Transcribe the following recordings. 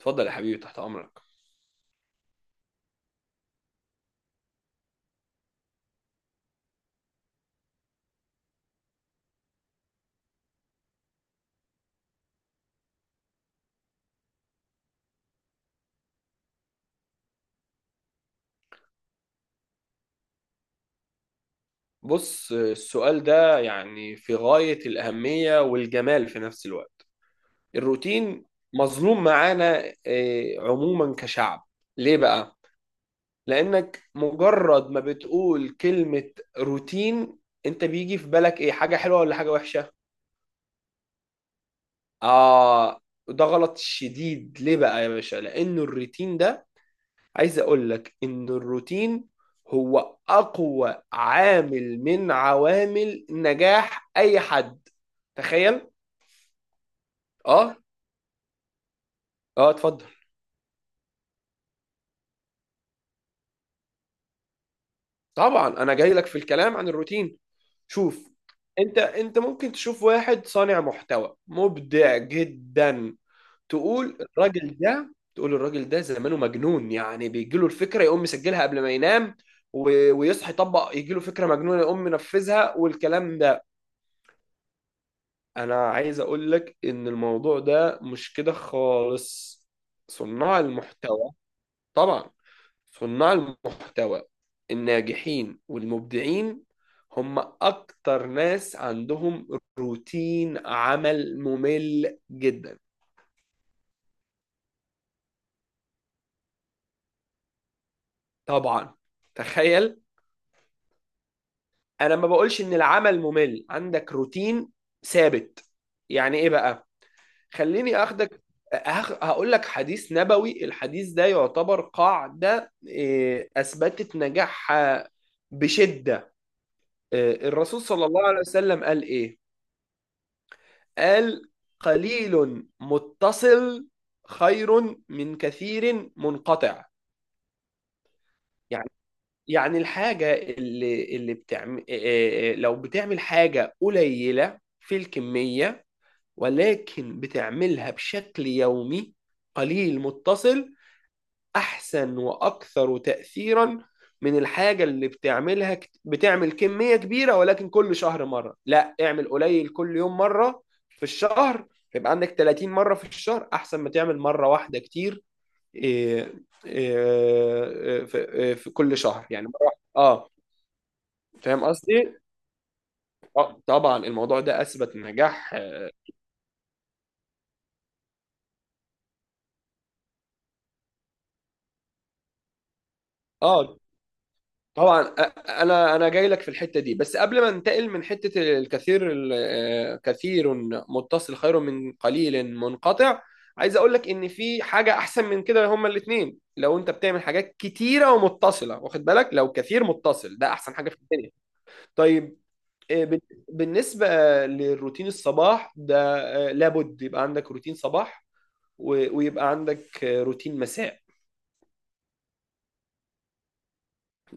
اتفضل يا حبيبي، تحت امرك. بص، السؤال ده يعني في غاية الأهمية والجمال في نفس الوقت. الروتين مظلوم معانا عموما كشعب. ليه بقى؟ لأنك مجرد ما بتقول كلمة روتين، أنت بيجي في بالك إيه، حاجة حلوة ولا حاجة وحشة؟ آه، ده غلط شديد. ليه بقى يا باشا؟ لأن الروتين ده، عايز اقول لك ان الروتين هو اقوى عامل من عوامل نجاح اي حد. تخيل. اه. اه اتفضل. طبعا انا جاي لك في الكلام عن الروتين. شوف، انت ممكن تشوف واحد صانع محتوى مبدع جدا، تقول الراجل ده زمانه مجنون، يعني بيجيله الفكرة يقوم مسجلها قبل ما ينام ويصحى يطبق، يجيله فكرة مجنونة يقوم منفذها والكلام ده. انا عايز اقول لك ان الموضوع ده مش كده خالص. صناع المحتوى، طبعا، صناع المحتوى الناجحين والمبدعين هم اكتر ناس عندهم روتين عمل ممل جدا. طبعا، تخيل. انا ما بقولش ان العمل ممل، عندك روتين ثابت. يعني ايه بقى؟ خليني اخدك. هقول لك حديث نبوي. الحديث ده يعتبر قاعدة اثبتت نجاحها بشدة. الرسول صلى الله عليه وسلم قال ايه؟ قال: قليل متصل خير من كثير منقطع. يعني يعني الحاجة اللي بتعمل، لو بتعمل حاجة قليلة في الكمية، ولكن بتعملها بشكل يومي، قليل متصل، احسن واكثر تاثيرا من الحاجه اللي بتعملها بتعمل كميه كبيره ولكن كل شهر مره. لا، اعمل قليل كل يوم مره في الشهر، يبقى عندك 30 مره في الشهر، احسن ما تعمل مره واحده كتير إيه، إيه، في آه، في كل شهر يعني مره واحدة. اه. فاهم قصدي؟ اه طبعا، الموضوع ده اثبت نجاح. اه. آه، طبعا. انا جاي لك في الحته دي، بس قبل ما ننتقل من حته الكثير كثير متصل خير من قليل منقطع، عايز اقول لك ان في حاجه احسن من كده، هما الاثنين. لو انت بتعمل حاجات كتيره ومتصله، واخد بالك، لو كثير متصل، ده احسن حاجه في الدنيا. طيب، آه، بال- بالنسبه للروتين الصباح ده، لابد يبقى عندك روتين صباح، ويبقى عندك روتين مساء.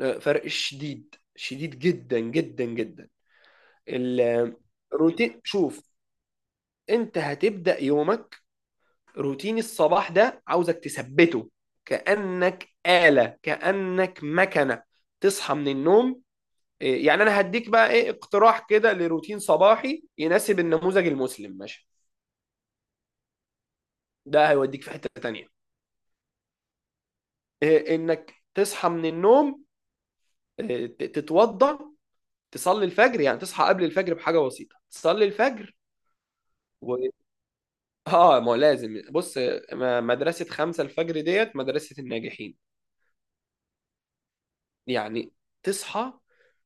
فرق شديد، شديد جدا جدا جدا. الروتين، شوف، انت هتبدأ يومك. روتين الصباح ده عاوزك تثبته كأنك آلة، كأنك مكنة. تصحى من النوم، يعني انا هديك بقى ايه اقتراح كده لروتين صباحي يناسب النموذج المسلم، ماشي؟ ده هيوديك في حتة تانية. انك تصحى من النوم، تتوضى، تصلي الفجر، يعني تصحى قبل الفجر بحاجة بسيطة، تصلي الفجر. و- اه، ما هو لازم. بص، مدرسة خمسة الفجر ديت مدرسة الناجحين. يعني تصحى،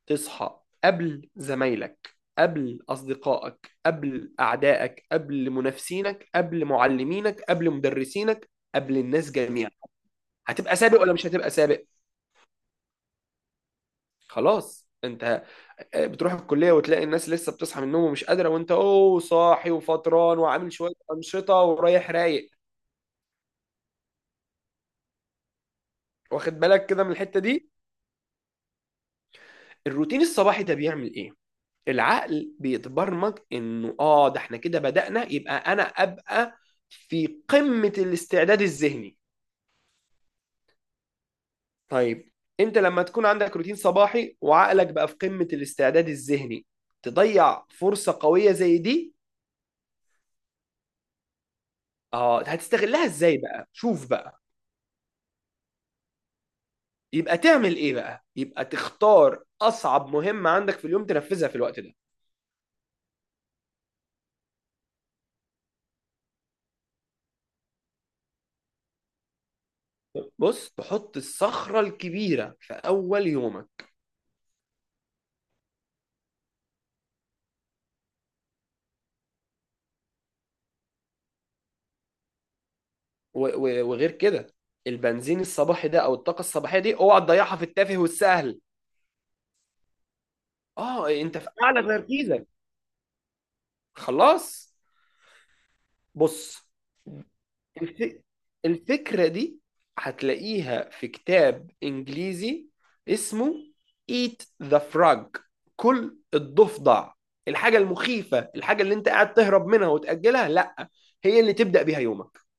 تصحى قبل زمايلك، قبل أصدقائك، قبل أعدائك، قبل منافسينك، قبل معلمينك، قبل مدرسينك، قبل الناس جميعا. هتبقى سابق ولا مش هتبقى سابق؟ خلاص، انت بتروح الكلية وتلاقي الناس لسه بتصحى من النوم ومش قادرة، وانت اوه صاحي وفطران وعامل شوية أنشطة ورايح رايق. واخد بالك كده من الحتة دي؟ الروتين الصباحي ده بيعمل ايه؟ العقل بيتبرمج انه اه ده احنا كده بدأنا، يبقى انا ابقى في قمة الاستعداد الذهني. طيب، انت لما تكون عندك روتين صباحي وعقلك بقى في قمة الاستعداد الذهني، تضيع فرصة قوية زي دي؟ اه، هتستغلها ازاي بقى؟ شوف بقى، يبقى تعمل ايه بقى؟ يبقى تختار اصعب مهمة عندك في اليوم، تنفذها في الوقت ده. بص، تحط الصخرة الكبيرة في اول يومك. وغير كده، البنزين الصباحي ده او الطاقه الصباحيه دي اوعى تضيعها في التافه والسهل. اه، انت في اعلى تركيزك. خلاص. بص، الف- الفكره دي هتلاقيها في كتاب انجليزي اسمه Eat the Frog، كل الضفدع. الحاجه المخيفه، الحاجه اللي انت قاعد تهرب منها وتاجلها، لا، هي اللي تبدا بيها يومك.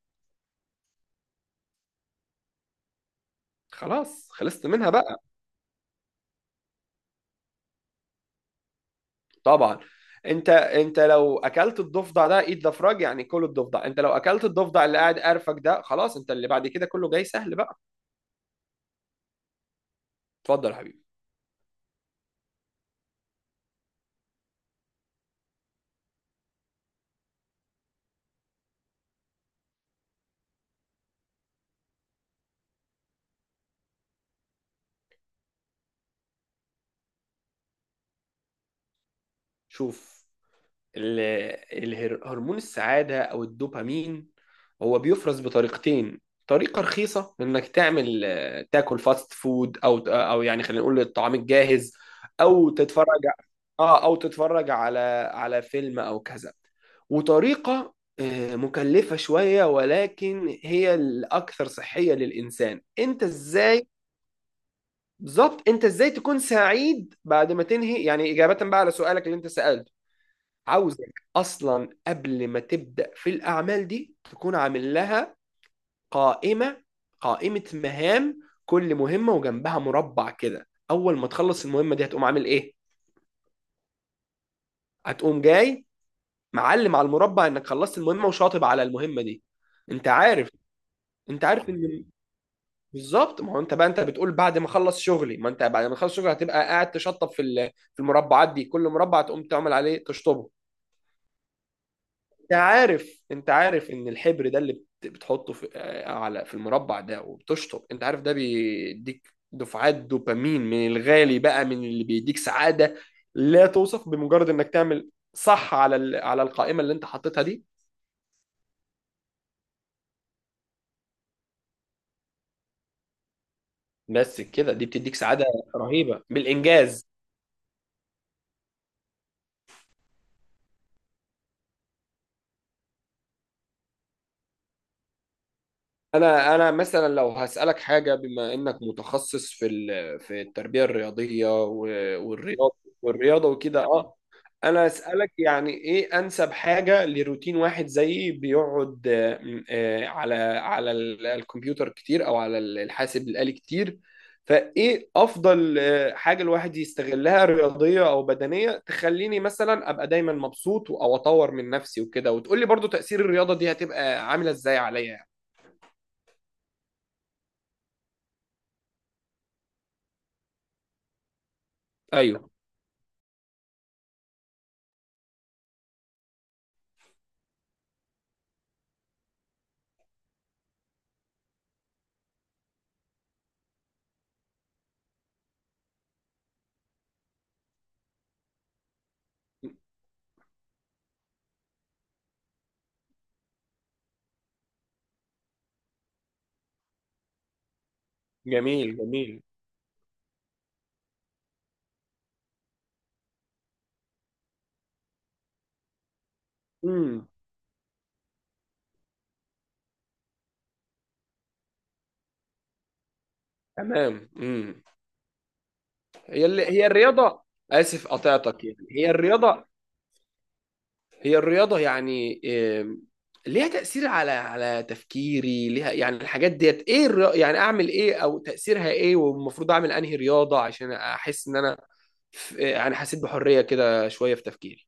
خلاص، خلصت منها بقى. طبعا، انت لو اكلت الضفدع ده ايد ضفرج يعني كل الضفدع، انت لو اكلت الضفدع اللي قاعد قرفك ده خلاص، انت اللي بعد كده كله جاي سهل بقى. اتفضل يا حبيبي. شوف، ال- هرمون السعادة أو الدوبامين هو بيفرز بطريقتين: طريقة رخيصة إنك تعمل تاكل فاست فود، أو يعني خلينا نقول الطعام الجاهز، أو تتفرج، آه، أو تتفرج على على فيلم أو كذا. وطريقة مكلفة شوية ولكن هي الأكثر صحية للإنسان. أنت إزاي، بالظبط، أنت إزاي تكون سعيد بعد ما تنهي، يعني إجابة بقى على سؤالك اللي أنت سألته: عاوزك اصلا قبل ما تبدا في الاعمال دي تكون عامل لها قائمه، قائمه مهام، كل مهمه وجنبها مربع كده. اول ما تخلص المهمه دي هتقوم عامل ايه؟ هتقوم جاي معلم على المربع انك خلصت المهمه، وشاطب على المهمه دي. انت عارف، انت عارف ان بالظبط ما هو انت بقى، انت بتقول بعد ما اخلص شغلي، ما انت بعد ما اخلص شغلي هتبقى قاعد تشطب في في المربعات دي، كل مربع تقوم تعمل عليه تشطبه. انت عارف ان الحبر ده اللي بتحطه في على في المربع ده وبتشطب، انت عارف ده بيديك دفعات دوبامين من الغالي بقى، من اللي بيديك سعادة لا توصف، بمجرد انك تعمل صح على على القائمة اللي انت حاططها دي. بس كده دي بتديك سعادة رهيبة بالانجاز. انا مثلا لو هسالك حاجه، بما انك متخصص في في التربيه الرياضيه والرياضه والرياضه وكده، اه، انا اسالك يعني ايه انسب حاجه لروتين واحد زيي بيقعد على الكمبيوتر كتير او على الحاسب الالي كتير؟ فايه افضل حاجه الواحد يستغلها رياضيه او بدنيه، تخليني مثلا ابقى دايما مبسوط او اطور من نفسي وكده؟ وتقول لي برضو تاثير الرياضه دي هتبقى عامله ازاي عليا يعني. ايوه. جميل، جميل. امم تمام. هي اللي، هي الرياضه، اسف قطعتك، يعني هي الرياضه، هي الرياضه يعني، إم، ليها تاثير على على تفكيري؟ ليها يعني الحاجات ديت ايه يعني اعمل ايه او تاثيرها ايه؟ والمفروض اعمل انهي رياضه عشان احس ان انا في... يعني حسيت بحريه كده شويه في تفكيري.